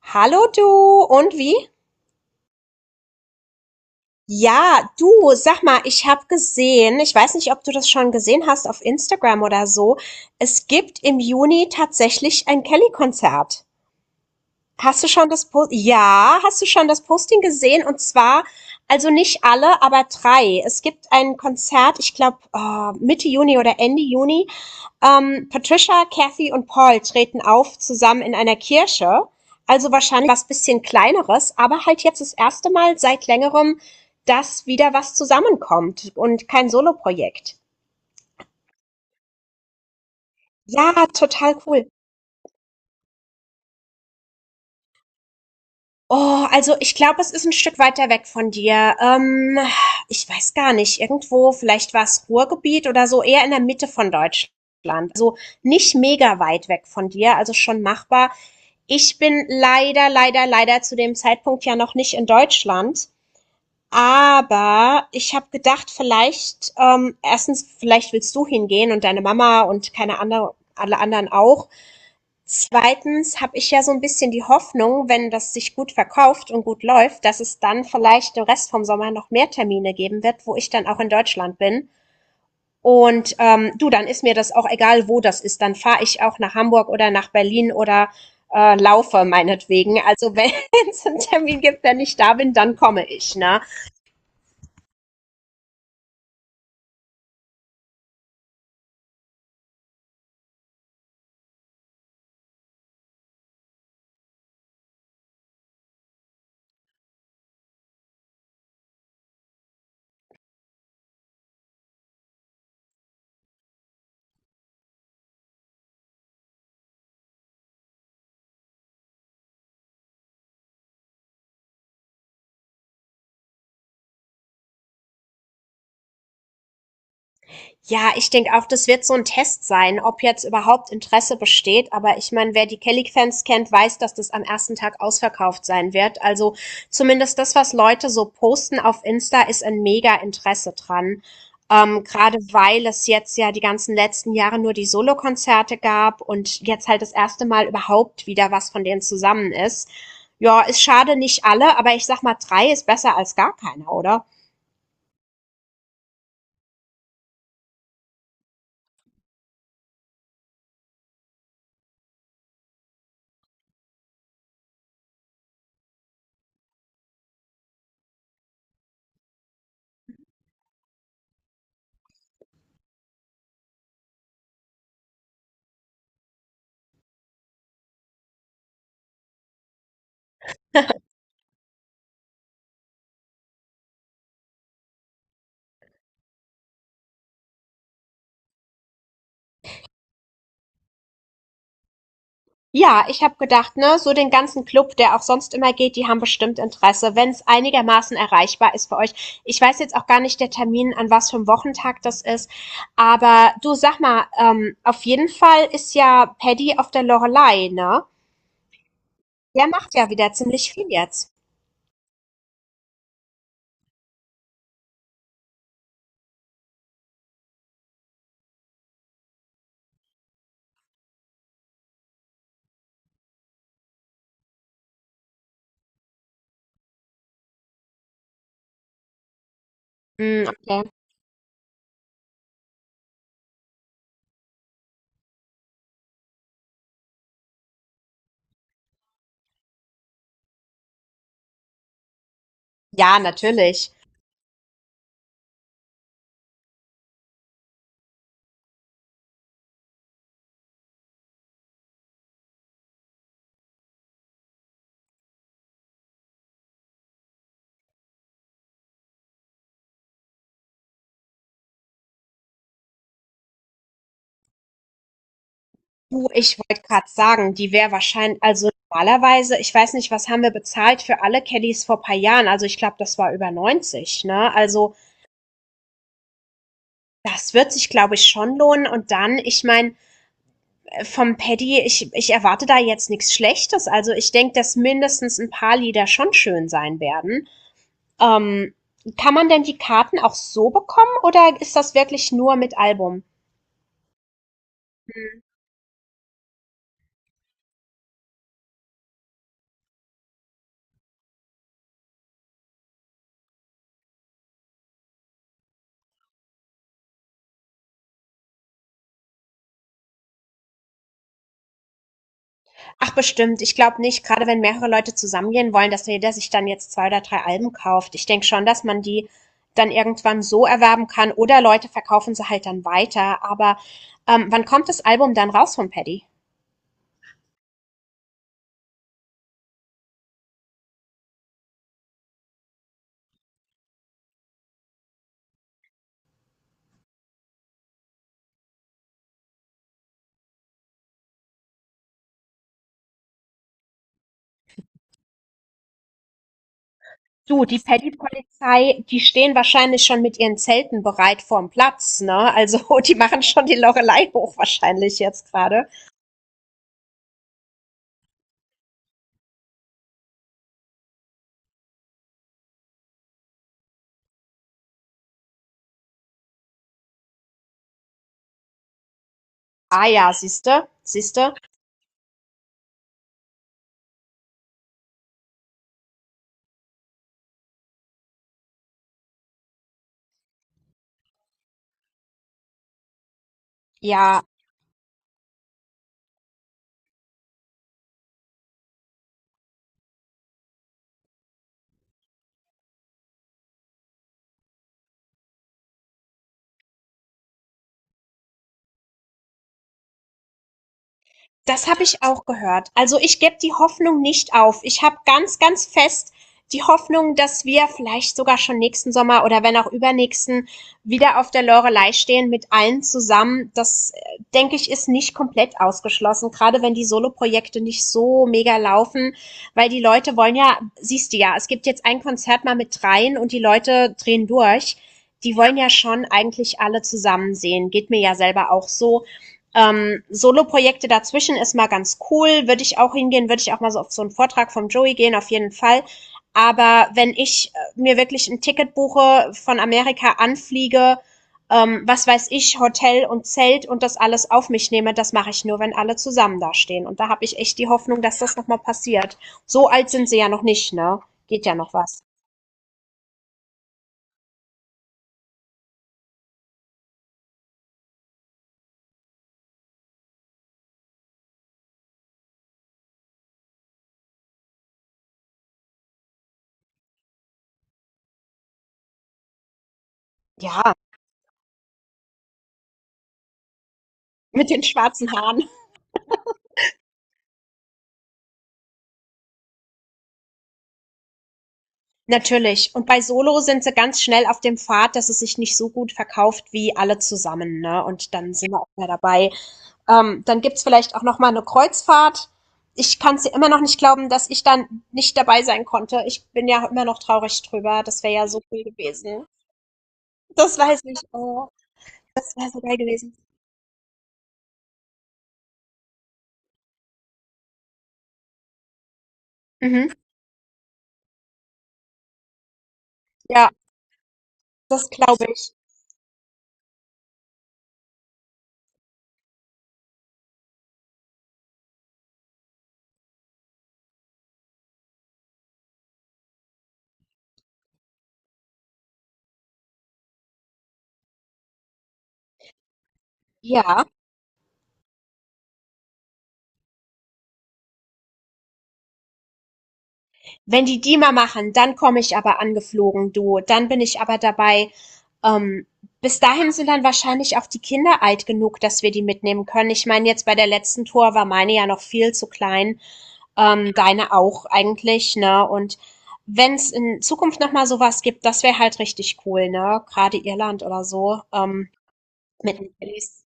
Hallo du, und wie? Ja, du, sag mal, ich habe gesehen, ich weiß nicht, ob du das schon gesehen hast auf Instagram oder so, es gibt im Juni tatsächlich ein Kelly-Konzert. Hast du schon das Post ja, hast du schon das Posting gesehen? Und zwar, also nicht alle, aber drei. Es gibt ein Konzert, ich glaube Mitte Juni oder Ende Juni. Patricia, Kathy und Paul treten auf zusammen in einer Kirche. Also wahrscheinlich was bisschen kleineres, aber halt jetzt das erste Mal seit längerem, dass wieder was zusammenkommt und kein Soloprojekt. Ja, total cool. Oh, also ich glaube, es ist ein Stück weiter weg von dir. Ich weiß gar nicht, irgendwo, vielleicht war's Ruhrgebiet oder so, eher in der Mitte von Deutschland. Also nicht mega weit weg von dir, also schon machbar. Ich bin leider, leider, leider zu dem Zeitpunkt ja noch nicht in Deutschland, aber ich habe gedacht, vielleicht, erstens, vielleicht willst du hingehen und deine Mama und keine andere alle anderen auch. Zweitens habe ich ja so ein bisschen die Hoffnung, wenn das sich gut verkauft und gut läuft, dass es dann vielleicht den Rest vom Sommer noch mehr Termine geben wird, wo ich dann auch in Deutschland bin. Und, du, dann ist mir das auch egal, wo das ist. Dann fahre ich auch nach Hamburg oder nach Berlin oder, laufe meinetwegen. Also, wenn es 'n Termin gibt, wenn ich da bin, dann komme ich, ne? Ja, ich denke auch, das wird so ein Test sein, ob jetzt überhaupt Interesse besteht. Aber ich meine, wer die Kelly-Fans kennt, weiß, dass das am ersten Tag ausverkauft sein wird. Also zumindest das, was Leute so posten auf Insta, ist ein Mega-Interesse dran. Grade weil es jetzt ja die ganzen letzten Jahre nur die Solokonzerte gab und jetzt halt das erste Mal überhaupt wieder was von denen zusammen ist. Ja, ist schade, nicht alle, aber ich sag mal, 3 ist besser als gar keiner, oder? Ja, ich habe gedacht, ne, so den ganzen Club, der auch sonst immer geht, die haben bestimmt Interesse, wenn es einigermaßen erreichbar ist für euch. Ich weiß jetzt auch gar nicht der Termin, an was für einem Wochentag das ist. Aber du sag mal, auf jeden Fall ist ja Paddy auf der Loreley, ne? Der macht ja wieder ziemlich viel jetzt. Hm, okay. Ja, natürlich. Du, ich wollte gerade sagen, die wäre wahrscheinlich, also normalerweise, ich weiß nicht, was haben wir bezahlt für alle Kellys vor paar Jahren? Also ich glaube, das war über 90, ne? Also das wird sich, glaube ich, schon lohnen. Und dann, ich meine, vom Paddy, ich erwarte da jetzt nichts Schlechtes. Also ich denke, dass mindestens ein paar Lieder schon schön sein werden. Ähm, kann man denn die Karten auch so bekommen oder ist das wirklich nur mit Album? Ach bestimmt, ich glaube nicht, gerade wenn mehrere Leute zusammengehen wollen, dass jeder sich dann jetzt zwei oder drei Alben kauft. Ich denke schon, dass man die dann irgendwann so erwerben kann oder Leute verkaufen sie halt dann weiter. Aber wann kommt das Album dann raus von Paddy? Du, die Paddy-Polizei, die stehen wahrscheinlich schon mit ihren Zelten bereit vorm Platz, ne? Also, die machen schon die Loreley hoch wahrscheinlich jetzt gerade. Ah ja, siehste, siehste. Ja, das habe ich auch gehört. Also ich gebe die Hoffnung nicht auf. Ich habe ganz, ganz fest die Hoffnung, dass wir vielleicht sogar schon nächsten Sommer oder wenn auch übernächsten wieder auf der Loreley stehen mit allen zusammen. Das, denke ich, ist nicht komplett ausgeschlossen, gerade wenn die Soloprojekte nicht so mega laufen, weil die Leute wollen ja, siehst du ja, es gibt jetzt ein Konzert mal mit dreien und die Leute drehen durch. Die wollen ja schon eigentlich alle zusammen sehen. Geht mir ja selber auch so. Solo-Projekte dazwischen ist mal ganz cool, würde ich auch hingehen, würde ich auch mal so auf so einen Vortrag vom Joey gehen, auf jeden Fall. Aber wenn ich mir wirklich ein Ticket buche, von Amerika anfliege, was weiß ich, Hotel und Zelt und das alles auf mich nehme, das mache ich nur, wenn alle zusammen da stehen. Und da habe ich echt die Hoffnung, dass das nochmal passiert. So alt sind sie ja noch nicht, ne? Geht ja noch was. Ja, mit den schwarzen Haaren. Natürlich. Und bei Solo sind sie ganz schnell auf dem Pfad, dass es sich nicht so gut verkauft wie alle zusammen, ne? Und dann sind wir auch mehr dabei. Dann gibt's vielleicht auch noch mal eine Kreuzfahrt. Ich kann's dir immer noch nicht glauben, dass ich dann nicht dabei sein konnte. Ich bin ja immer noch traurig drüber. Das wäre ja so cool gewesen. Das weiß ich. Oh, das wäre so geil gewesen. Mhm. Ja, das glaube ich. Ja. Wenn die die mal machen, dann komme ich aber angeflogen, du. Dann bin ich aber dabei. Ähm, bis dahin sind dann wahrscheinlich auch die Kinder alt genug, dass wir die mitnehmen können. Ich meine, jetzt bei der letzten Tour war meine ja noch viel zu klein, deine auch eigentlich, ne? Und wenn es in Zukunft nochmal sowas gibt, das wäre halt richtig cool, ne? Gerade Irland oder so, mit den Kellys.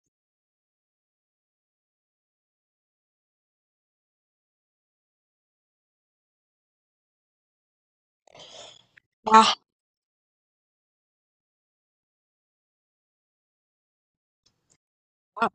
Ja,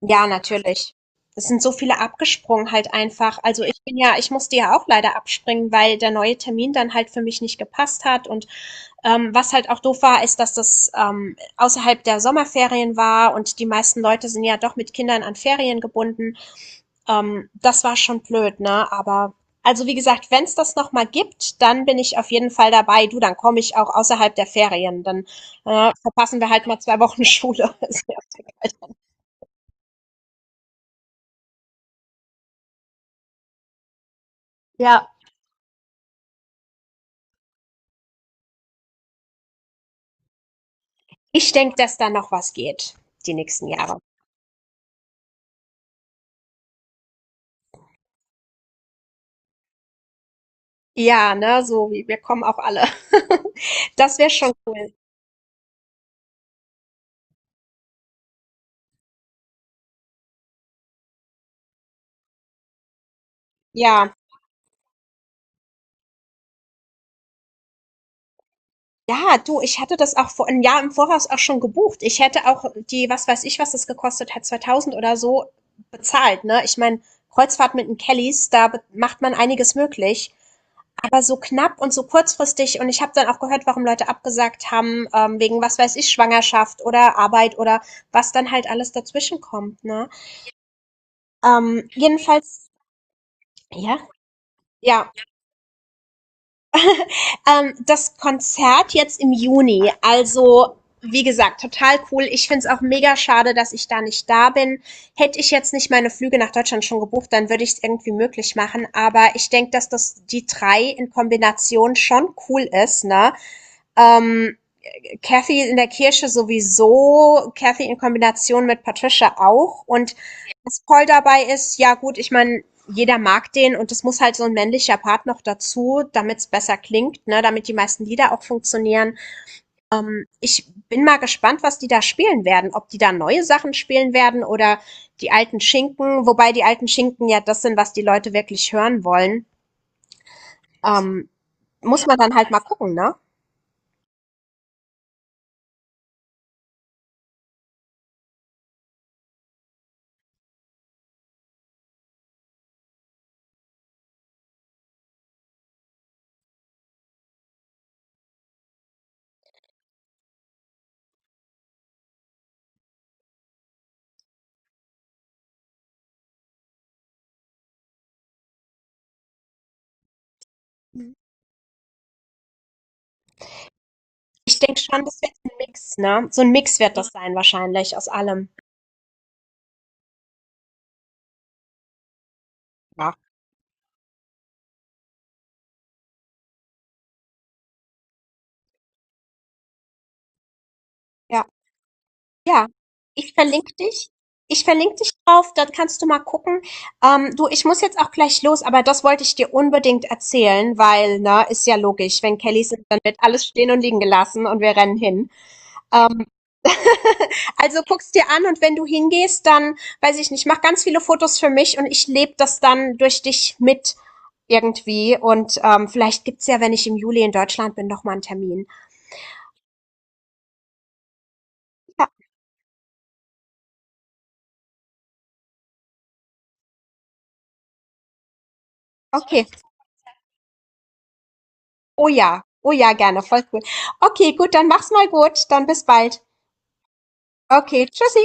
ja, natürlich. Es sind so viele abgesprungen halt einfach. Also ich musste ja auch leider abspringen, weil der neue Termin dann halt für mich nicht gepasst hat. Und was halt auch doof war, ist, dass das außerhalb der Sommerferien war und die meisten Leute sind ja doch mit Kindern an Ferien gebunden. Das war schon blöd, ne? Aber also wie gesagt, wenn es das noch mal gibt, dann bin ich auf jeden Fall dabei. Du, dann komme ich auch außerhalb der Ferien. Dann verpassen wir halt mal 2 Wochen Schule. Ist mir auch egal. Ja, ich denke, dass da noch was geht, die nächsten Jahre. Ja, ne, so wie wir kommen auch alle. Das wäre schon cool. Ja. Ja, du, ich hatte das auch vor ein Jahr im Voraus auch schon gebucht. Ich hätte auch die was weiß ich, was das gekostet hat, 2000 oder so, bezahlt, ne? Ich meine, Kreuzfahrt mit den Kellys, da be macht man einiges möglich. Aber so knapp und so kurzfristig und ich habe dann auch gehört, warum Leute abgesagt haben, wegen, was weiß ich, Schwangerschaft oder Arbeit oder was dann halt alles dazwischen kommt, ne? Jedenfalls. Ja, ja. Das Konzert jetzt im Juni, also wie gesagt, total cool. Ich find's auch mega schade, dass ich da nicht da bin. Hätte ich jetzt nicht meine Flüge nach Deutschland schon gebucht, dann würde ich es irgendwie möglich machen. Aber ich denk, dass das die drei in Kombination schon cool ist, ne? Ähm, Kathy in der Kirche sowieso, Kathy in Kombination mit Patricia auch. Und das Toll dabei ist, ja gut, ich meine, jeder mag den und es muss halt so ein männlicher Part noch dazu, damit es besser klingt, ne, damit die meisten Lieder auch funktionieren. Ich bin mal gespannt, was die da spielen werden, ob die da neue Sachen spielen werden oder die alten Schinken, wobei die alten Schinken ja das sind, was die Leute wirklich hören wollen. Ähm, muss man dann halt mal gucken, ne? Mhm. Ich denke schon, das wird ein Mix, ne? So ein Mix wird das sein wahrscheinlich aus allem. Ja. Ja. Ja, ich verlinke dich. Ich verlinke dich drauf, dann kannst du mal gucken. Du, ich muss jetzt auch gleich los, aber das wollte ich dir unbedingt erzählen, weil, ne, ist ja logisch, wenn Kellys sind, dann wird alles stehen und liegen gelassen und wir rennen hin. Ähm, also guck's dir an und wenn du hingehst, dann, weiß ich nicht, mach ganz viele Fotos für mich und ich lebe das dann durch dich mit irgendwie und vielleicht gibt's ja, wenn ich im Juli in Deutschland bin, noch mal einen Termin. Ja, okay. Oh ja, oh ja, gerne, voll cool. Okay, gut, dann mach's mal gut, dann bis bald. Okay, tschüssi.